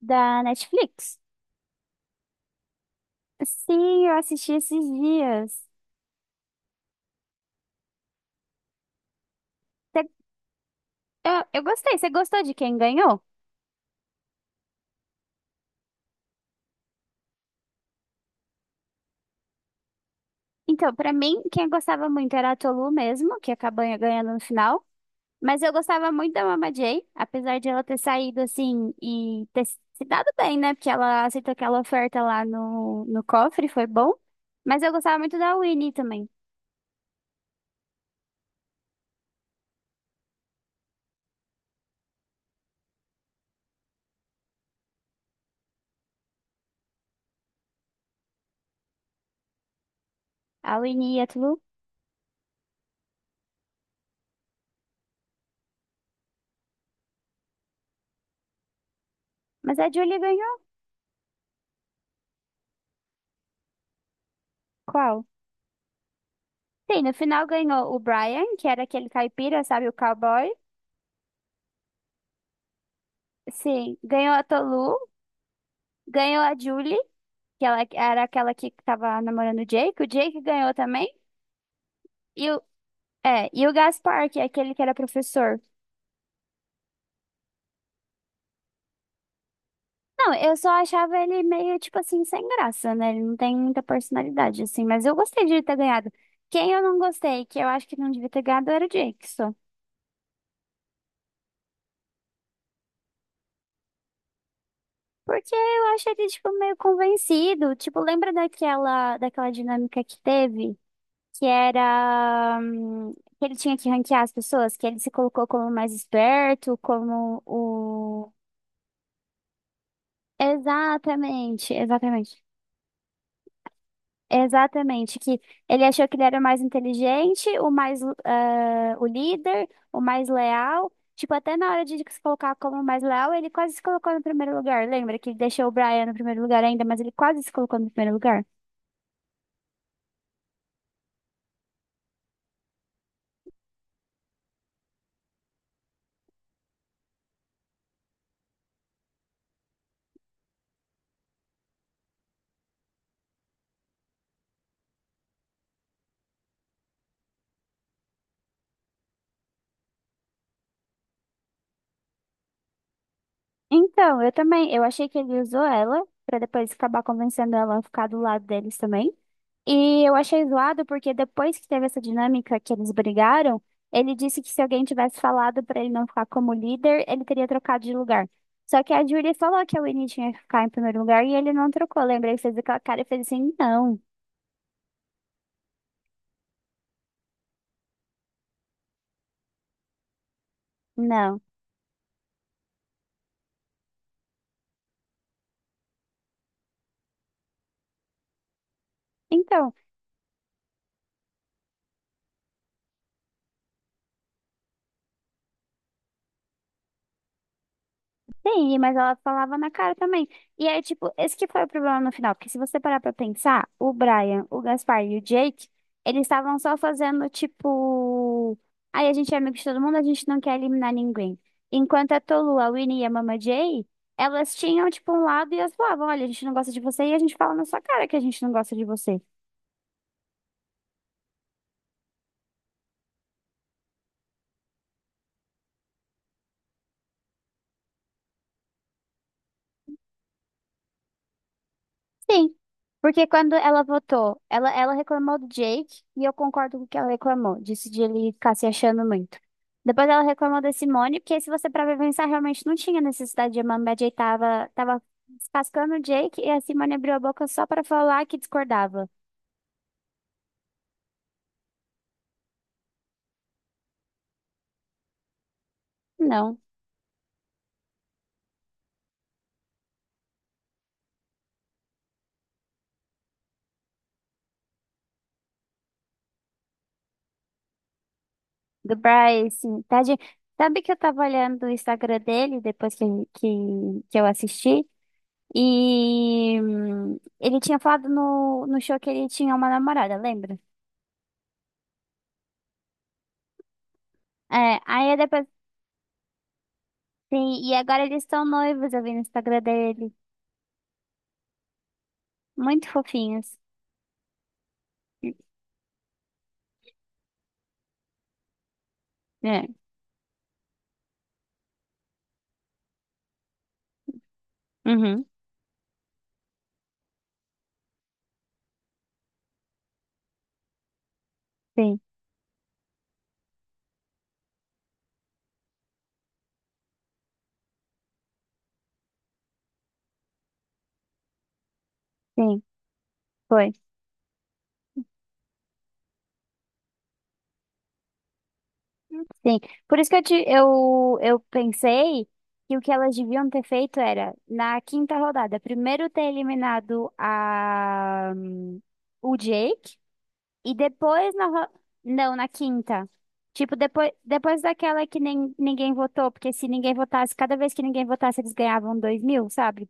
Da Netflix. Sim, eu assisti esses dias. Cê- eu gostei. Você gostou de quem ganhou? Então, pra mim, quem eu gostava muito era a Tolu mesmo, que acabou ganhando no final. Mas eu gostava muito da Mama Jay, apesar de ela ter saído assim e ter se dado bem, né? Porque ela aceitou aquela oferta lá no cofre, foi bom. Mas eu gostava muito da Winnie também. A Winnie e a Tolu. Mas a Julie ganhou. Qual? Sim, no final ganhou o Brian, que era aquele caipira, sabe, o cowboy. Sim, ganhou a Tolu, ganhou a Julie, que ela era aquela que tava namorando o Jake. O Jake ganhou também. E o, e o Gaspar, que é aquele que era professor. Não, eu só achava ele meio, tipo assim, sem graça, né? Ele não tem muita personalidade, assim. Mas eu gostei de ele ter ganhado. Quem eu não gostei, que eu acho que não devia ter ganhado, era o Jake só. Porque eu acho ele, tipo, meio convencido. Tipo, lembra daquela dinâmica que teve? que era hum, que ele tinha que ranquear as pessoas, que ele se colocou como o mais esperto, como o. Exatamente, exatamente. Exatamente, que ele achou que ele era o mais inteligente, o mais, o líder, o mais leal. Tipo, até na hora de se colocar como o mais leal, ele quase se colocou no primeiro lugar. Lembra que ele deixou o Brian no primeiro lugar ainda, mas ele quase se colocou no primeiro lugar? Então, eu também, eu achei que ele usou ela pra depois acabar convencendo ela a ficar do lado deles também. E eu achei zoado porque depois que teve essa dinâmica que eles brigaram, ele disse que se alguém tivesse falado pra ele não ficar como líder, ele teria trocado de lugar. Só que a Julie falou que a Winnie tinha que ficar em primeiro lugar e ele não trocou. Lembra? Ele fez aquela cara e fez assim: não, não. Então. Sim, mas ela falava na cara também. E aí, tipo, esse que foi o problema no final. Porque se você parar pra pensar, o Brian, o Gaspar e o Jake, eles estavam só fazendo, tipo. Aí a gente é amigo de todo mundo, a gente não quer eliminar ninguém. Enquanto a Tolu, a Winnie e a Mama Jay, elas tinham, tipo, um lado e elas falavam: olha, a gente não gosta de você e a gente fala na sua cara que a gente não gosta de você. Sim, porque quando ela votou, ela reclamou do Jake e eu concordo com o que ela reclamou, disse de ele ficar se achando muito. Depois ela reclamou da Simone, porque se você parar pra pensar, realmente não tinha necessidade de Amanda Jay tava descascando o Jake e a Simone abriu a boca só pra falar que discordava. Não, do Bryce, tadinho. Sabe que eu tava olhando o Instagram dele depois que, que eu assisti? E ele tinha falado no show que ele tinha uma namorada, lembra? É, aí eu depois, sim, e agora eles estão noivos, eu vi no Instagram dele. Muito fofinhos. É, uhum, sim, sim, foi. Sim, por isso que eu pensei que o que elas deviam ter feito era, na quinta rodada, primeiro ter eliminado o Jake e depois não, na quinta. Tipo, depois daquela que nem, ninguém votou, porque se ninguém votasse, cada vez que ninguém votasse, eles ganhavam 2.000, sabe?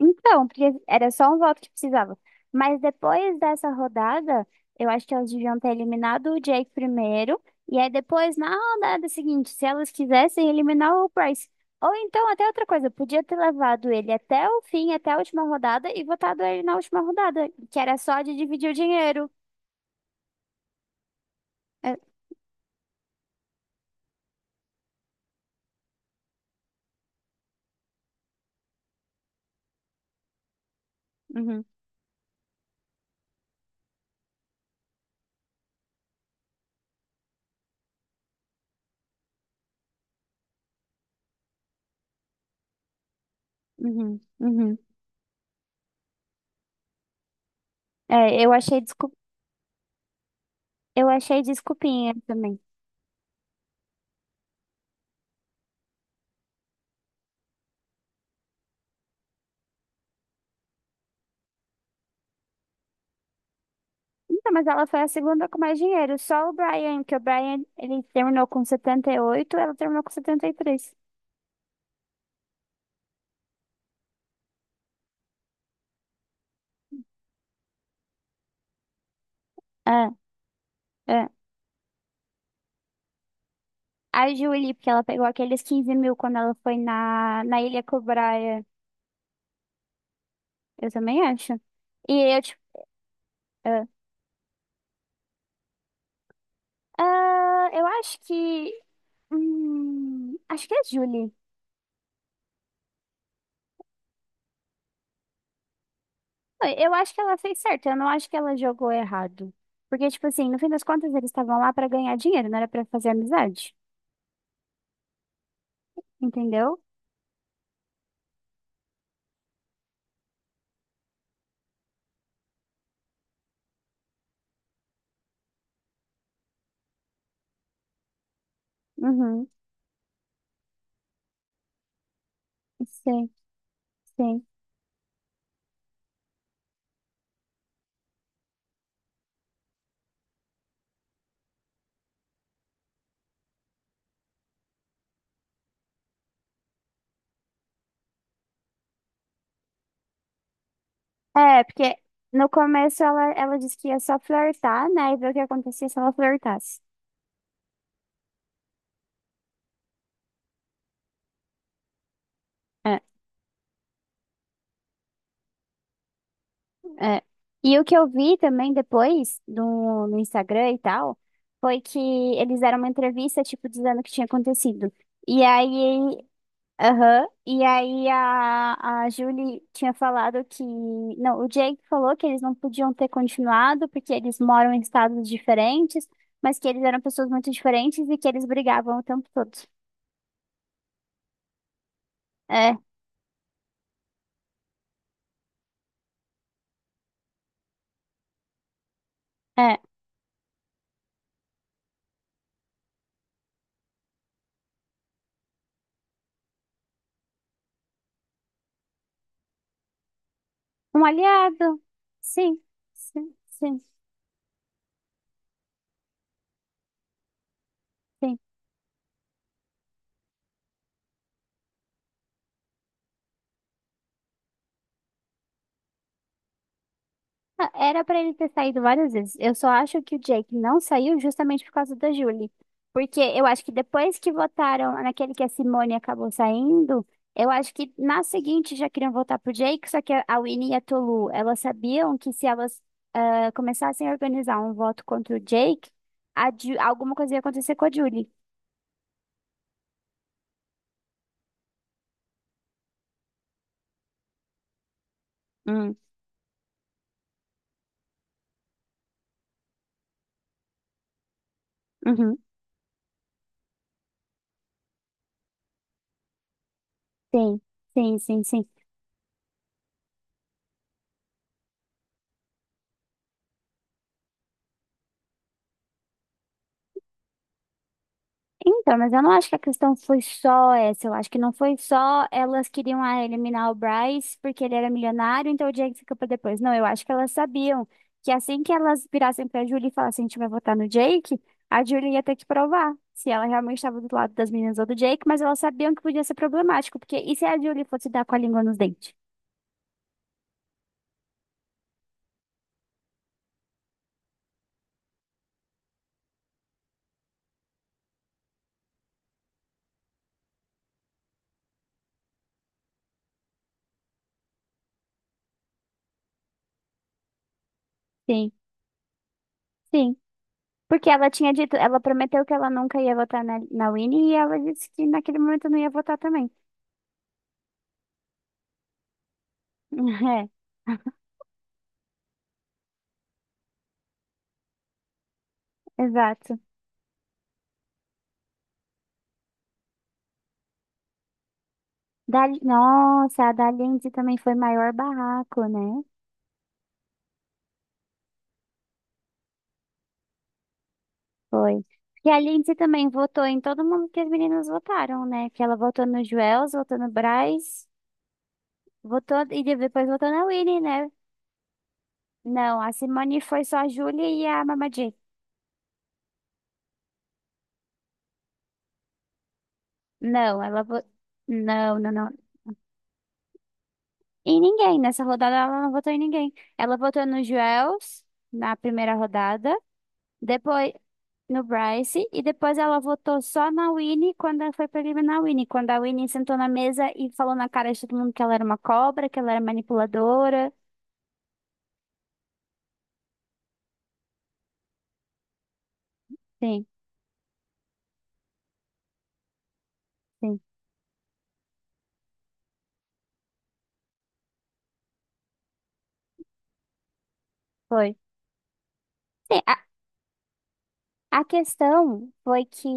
Então, porque era só um voto que precisava. Mas depois dessa rodada, eu acho que elas deviam ter eliminado o Jake primeiro. E aí depois, na rodada seguinte, se elas quisessem eliminar o Bryce. Ou então, até outra coisa, podia ter levado ele até o fim, até a última rodada, e votado ele na última rodada, que era só de dividir o dinheiro. É, uhum, uhum, uhum. É, eu achei desculpa, eu achei desculpinha também. Então, mas ela foi a segunda com mais dinheiro. Só o Brian, que o Brian, ele terminou com 78, ela terminou com 73. É, é. A Julie, porque ela pegou aqueles 15.000 quando ela foi na Ilha com o Brian. Eu também acho. E eu, tipo, é. Ah, eu acho que. Acho que é a Julie. Eu acho que ela fez certo, eu não acho que ela jogou errado. Porque, tipo assim, no fim das contas, eles estavam lá pra ganhar dinheiro, não era pra fazer amizade. Entendeu? Uhum. Sim, sim. É, porque no começo ela disse que ia só flertar, né? E ver o que acontecia se ela flertasse. É, é. E o que eu vi também depois no Instagram e tal, foi que eles deram uma entrevista, tipo, dizendo o que tinha acontecido. E aí, aham, e aí a Julie tinha falado que, não, o Jake falou que eles não podiam ter continuado porque eles moram em estados diferentes, mas que eles eram pessoas muito diferentes e que eles brigavam o tempo todo. É, é. Um aliado. Sim, sim, sim, sim. Ah, era pra ele ter saído várias vezes. Eu só acho que o Jake não saiu justamente por causa da Julie. Porque eu acho que depois que votaram naquele que a Simone acabou saindo, eu acho que na seguinte já queriam votar pro Jake, só que a Winnie e a Tolu, elas sabiam que se elas começassem a organizar um voto contra o Jake, alguma coisa ia acontecer com a Julie. Hum, uhum. Sim, sim, sim, sim. Então, mas eu não acho que a questão foi só essa. Eu acho que não foi só elas queriam eliminar o Bryce porque ele era milionário, então o Jake fica pra depois. Não, eu acho que elas sabiam que assim que elas virassem pra Julie e falassem, a gente vai votar no Jake, a Julie ia ter que provar se ela realmente estava do lado das meninas ou do Jake, mas elas sabiam que podia ser problemático, porque e se a Julie fosse dar com a língua nos dentes? Sim, sim. Porque ela tinha dito, ela prometeu que ela nunca ia votar na Winnie e ela disse que naquele momento não ia votar também. É, exato. Nossa, a da Lindsay também foi maior barraco, né? Foi. Porque a Lindsay também votou em todo mundo que as meninas votaram, né? Que ela votou no Joels, votou no Braz, votou e depois votou na Winnie, né? Não, a Simone foi só a Júlia e a Mama J. Não, ela votou. Não, não, não. Em ninguém. Nessa rodada ela não votou em ninguém. Ela votou no Joels na primeira rodada. Depois no Bryce e depois ela votou só na Winnie quando ela foi pra eliminar a Winnie, quando a Winnie sentou na mesa e falou na cara de todo mundo que ela era uma cobra, que ela era manipuladora. Sim, sim, foi. Sim, a questão foi que,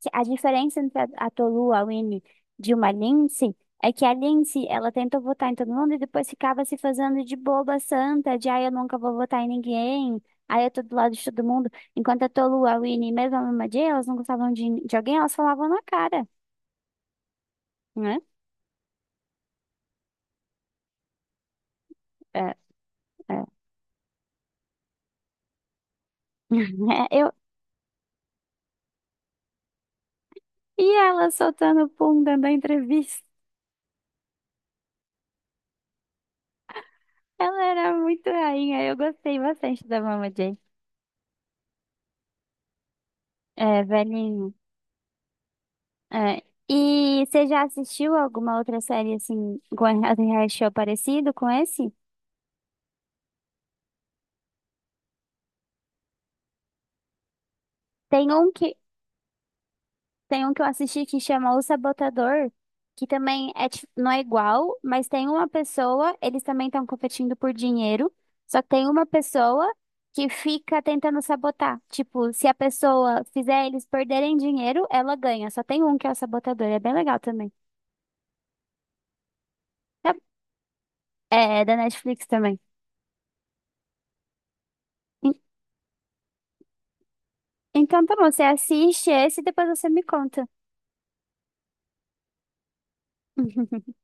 que a diferença entre a Tolua, a Winnie, de uma Lindsay, é que a Lindsay, ela tentou votar em todo mundo e depois ficava se fazendo de boba santa, de, ah, eu nunca vou votar em ninguém, aí eu tô do lado de todo mundo. Enquanto a Tolua, a Winnie, mesmo a Mama Jay, elas não gostavam de alguém, elas falavam na cara, né? É, é. É, e ela soltando o pum, dando a entrevista. Ela era muito rainha, eu gostei bastante da Mama Jay. É, velhinho. É. E você já assistiu alguma outra série assim, com reality show parecido com esse? Tem um que, tem um que eu assisti que chama O Sabotador, que também é, não é igual, mas tem uma pessoa, eles também estão competindo por dinheiro, só que tem uma pessoa que fica tentando sabotar. Tipo, se a pessoa fizer eles perderem dinheiro, ela ganha. Só tem um que é o sabotador, é bem legal também. É da Netflix também. En- Então tá bom, você assiste esse e depois você me conta. Uhum.